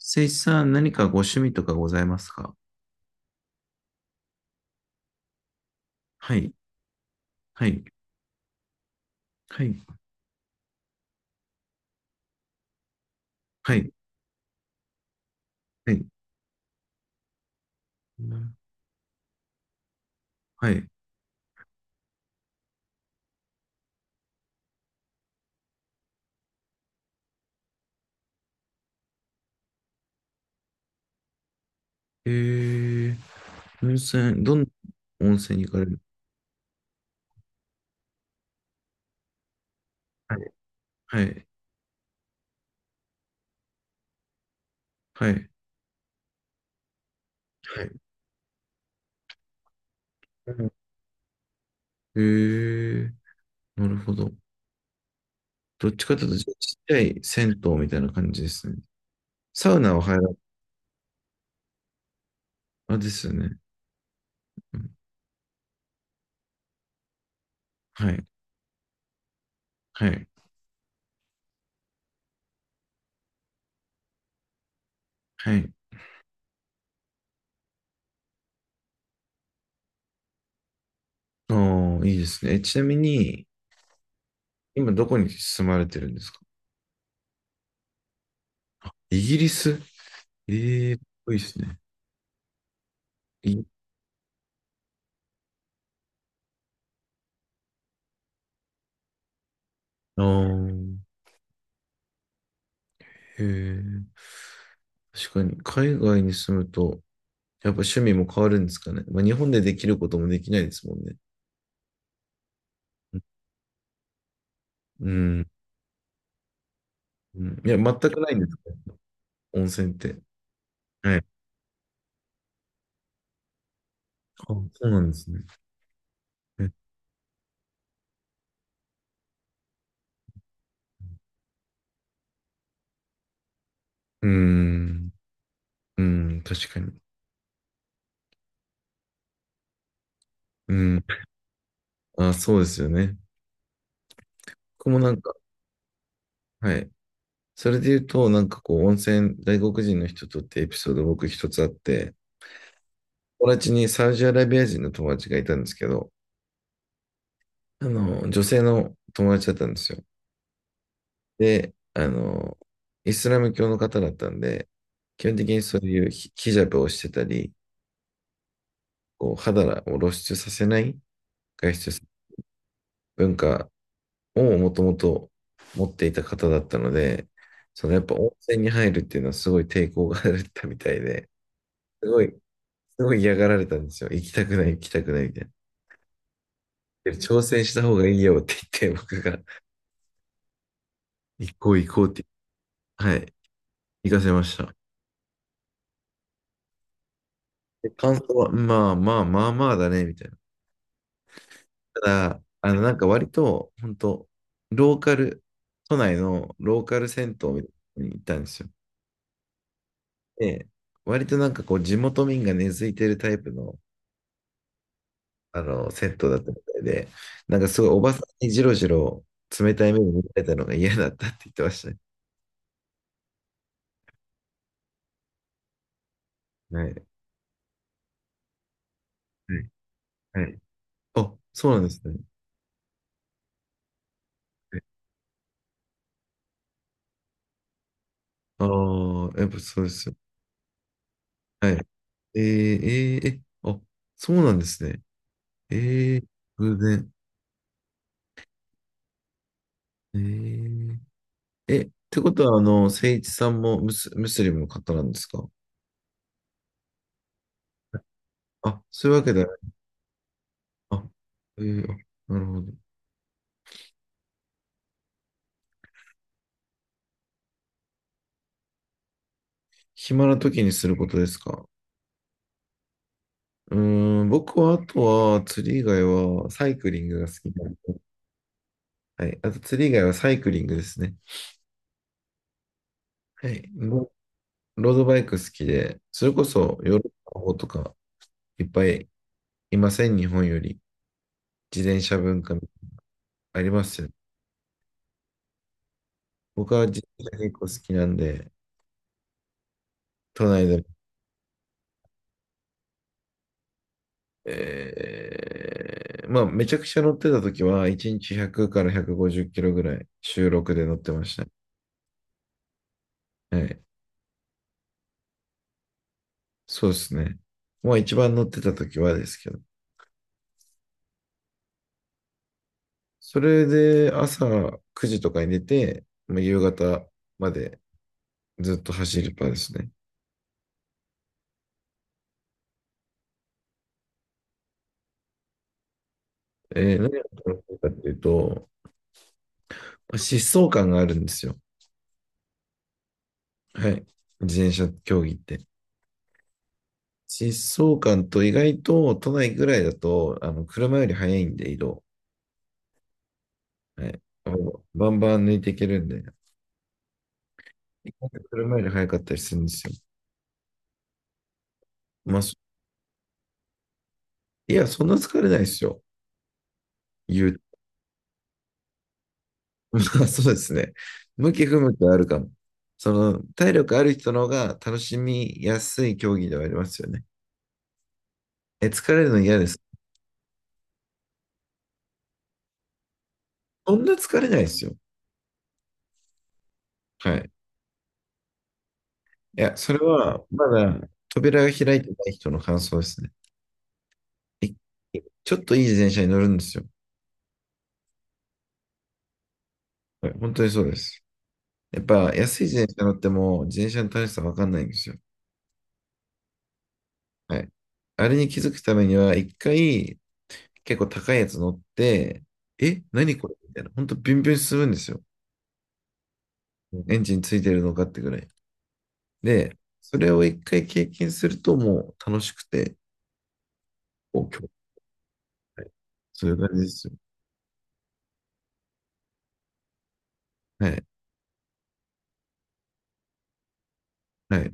誠一さん、何かご趣味とかございますか？はい、はい、はい、はい、はい、なはい。えー、温泉、どんな温泉に行かれる？はい、はい、はい、はい。うん、えー、なるほど。どっちかというと、ちっちゃい銭湯みたいな感じですね。サウナを入ら、あ、ですよね。うん、はい、はい、はい。ああ、いいですね。ちなみに、今どこに住まれてるんですか？イギリス、ええー、かっこいいですね。あー、へえ。確かに、海外に住むと、やっぱ趣味も変わるんですかね。まあ、日本でできることもできないですもんね。うん。うん、いや、全くないんですね。温泉って。はい。あ、そうなんですね。え、うん。うん。確かに。うん。あ、そうですよね。僕もなんか、はい。それで言うと、なんかこう、温泉、外国人の人とってエピソード僕一つあって、友達にサウジアラビア人の友達がいたんですけど、あの、女性の友達だったんですよ。で、あの、イスラム教の方だったんで、基本的にそういうヒジャブをしてたり、こう肌を露出させない外出する文化をもともと持っていた方だったので、そのやっぱ温泉に入るっていうのはすごい抵抗があったみたいで、すごい、すごい嫌がられたんですよ。行きたくない、行きたくないみたいな。で挑戦した方がいいよって言って、僕が行こう行こうって、はい、行かせました。で感想は、まあまあまあまあだね、みたいな。ただ、あの、なんか割と、本当ローカル、都内のローカル銭湯みたいなのに行ったんですよ。で、割となんかこう、地元民が根付いてるタイプの、あの、銭湯だったみたいで、なんかすごいおばさんにじろじろ冷たい目に見られたのが嫌だったって言ってましたね。はい。はい。はい。あ、そうなんですね。ああー、やっぱそうですよ。はい。え、あ、そうなんですね。ええ、偶然。えー、え、ってことは、あの、誠一さんもムスリムの方なんですか？あ、そういうわけではない。あ、あ、なるほど。暇な時にすることですか？うーん、僕は、あとは、釣り以外は、サイクリングが好きなので、はい。あと、釣り以外はサイクリングですね。はい。ロードバイク好きで、それこそ、ヨーロッパの方とか、いっぱいいません、日本より。自転車文化ありますよね。僕は自転車結構好きなんで、都内で。まあ、めちゃくちゃ乗ってた時は、1日100から150キロぐらい、週録で乗ってました。はい。そうですね。まあ、一番乗ってた時はですけど。それで、朝9時とかに出て、まあ、夕方までずっと走るパーですね。何が楽しいかっていうと、まあ疾走感があるんですよ。はい。自転車競技って。疾走感と意外と都内ぐらいだと、あの、車より速いんで移動。はい。もうバンバン抜いていけるんで。意外と車より早かったりするんですよ。まあ、そ、いや、そんな疲れないですよ。言う。まあ、そうですね。向き不向きはあるかも。その、体力ある人の方が楽しみやすい競技ではありますよね。え、疲れるの嫌です。そんな疲れないですよ。はい。いや、それは、まだ、扉が開いてない人の感想ですね。いちょっといい自転車に乗るんですよ。はい、本当にそうです。やっぱ、安い自転車乗っても、自転車の楽しさわかんないんですよ。はい。あれに気づくためには、一回結構高いやつ乗って、え、何これみたいな。ほんとビュンビュン進むんですよ。エンジンついてるのかってぐらい。で、それを一回経験するともう楽しくて、こう、今日、はい、そういう感じですよ。はい。はい。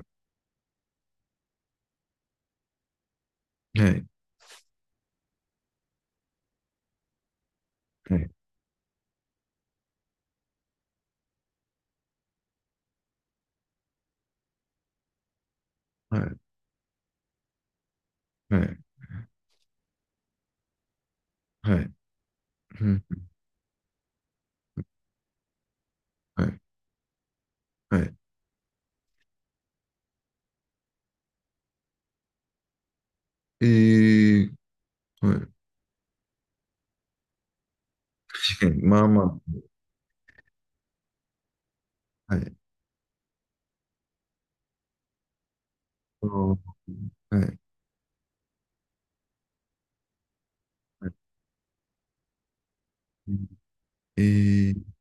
はい。はい。はい。はい。はい。うん。はい。はい。えー、はい。まあまあ。はい。あー、はい。はい。えー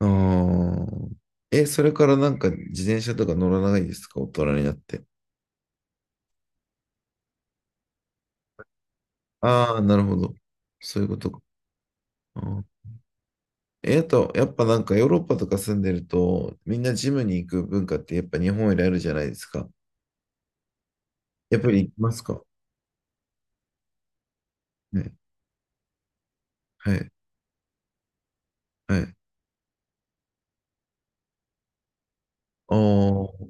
あーえ、それからなんか自転車とか乗らないですか大人になって？ああ、なるほど。そういうことか。あー、え、あと、やっぱなんかヨーロッパとか住んでると、みんなジムに行く文化ってやっぱ日本よりあるじゃないですか。やっぱり行きますかね。はい。はい。ああ、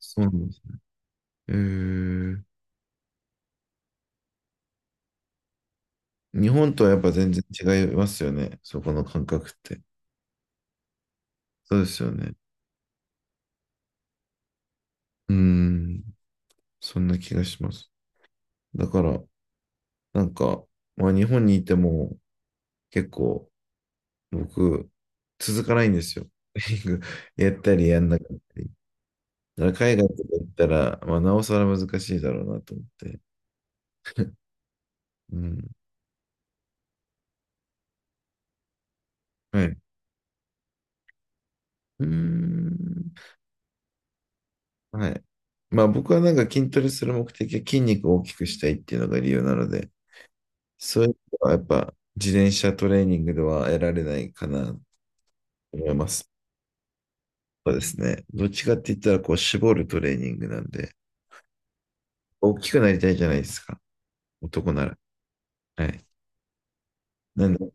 そうなんですね。えー、日本とはやっぱ全然違いますよね。そこの感覚って。そうですよね。うーん、そんな気がします。だから、なんか、まあ、日本にいても結構僕、続かないんですよ。やったりやんなかったり。だから海外とか行ったら、まあ、なおさら難しいだろうなと思って。うん。はい。うーん。はい。まあ僕はなんか筋トレする目的は筋肉を大きくしたいっていうのが理由なので、そういうのはやっぱ自転車トレーニングでは得られないかなと思います。そうですね。どっちかって言ったらこう絞るトレーニングなんで、大きくなりたいじゃないですか。男なら。はい。なんで、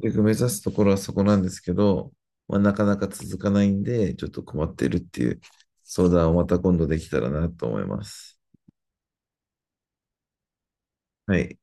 結局目指すところはそこなんですけど、まあ、なかなか続かないんで、ちょっと困ってるっていう相談をまた今度できたらなと思います。はい。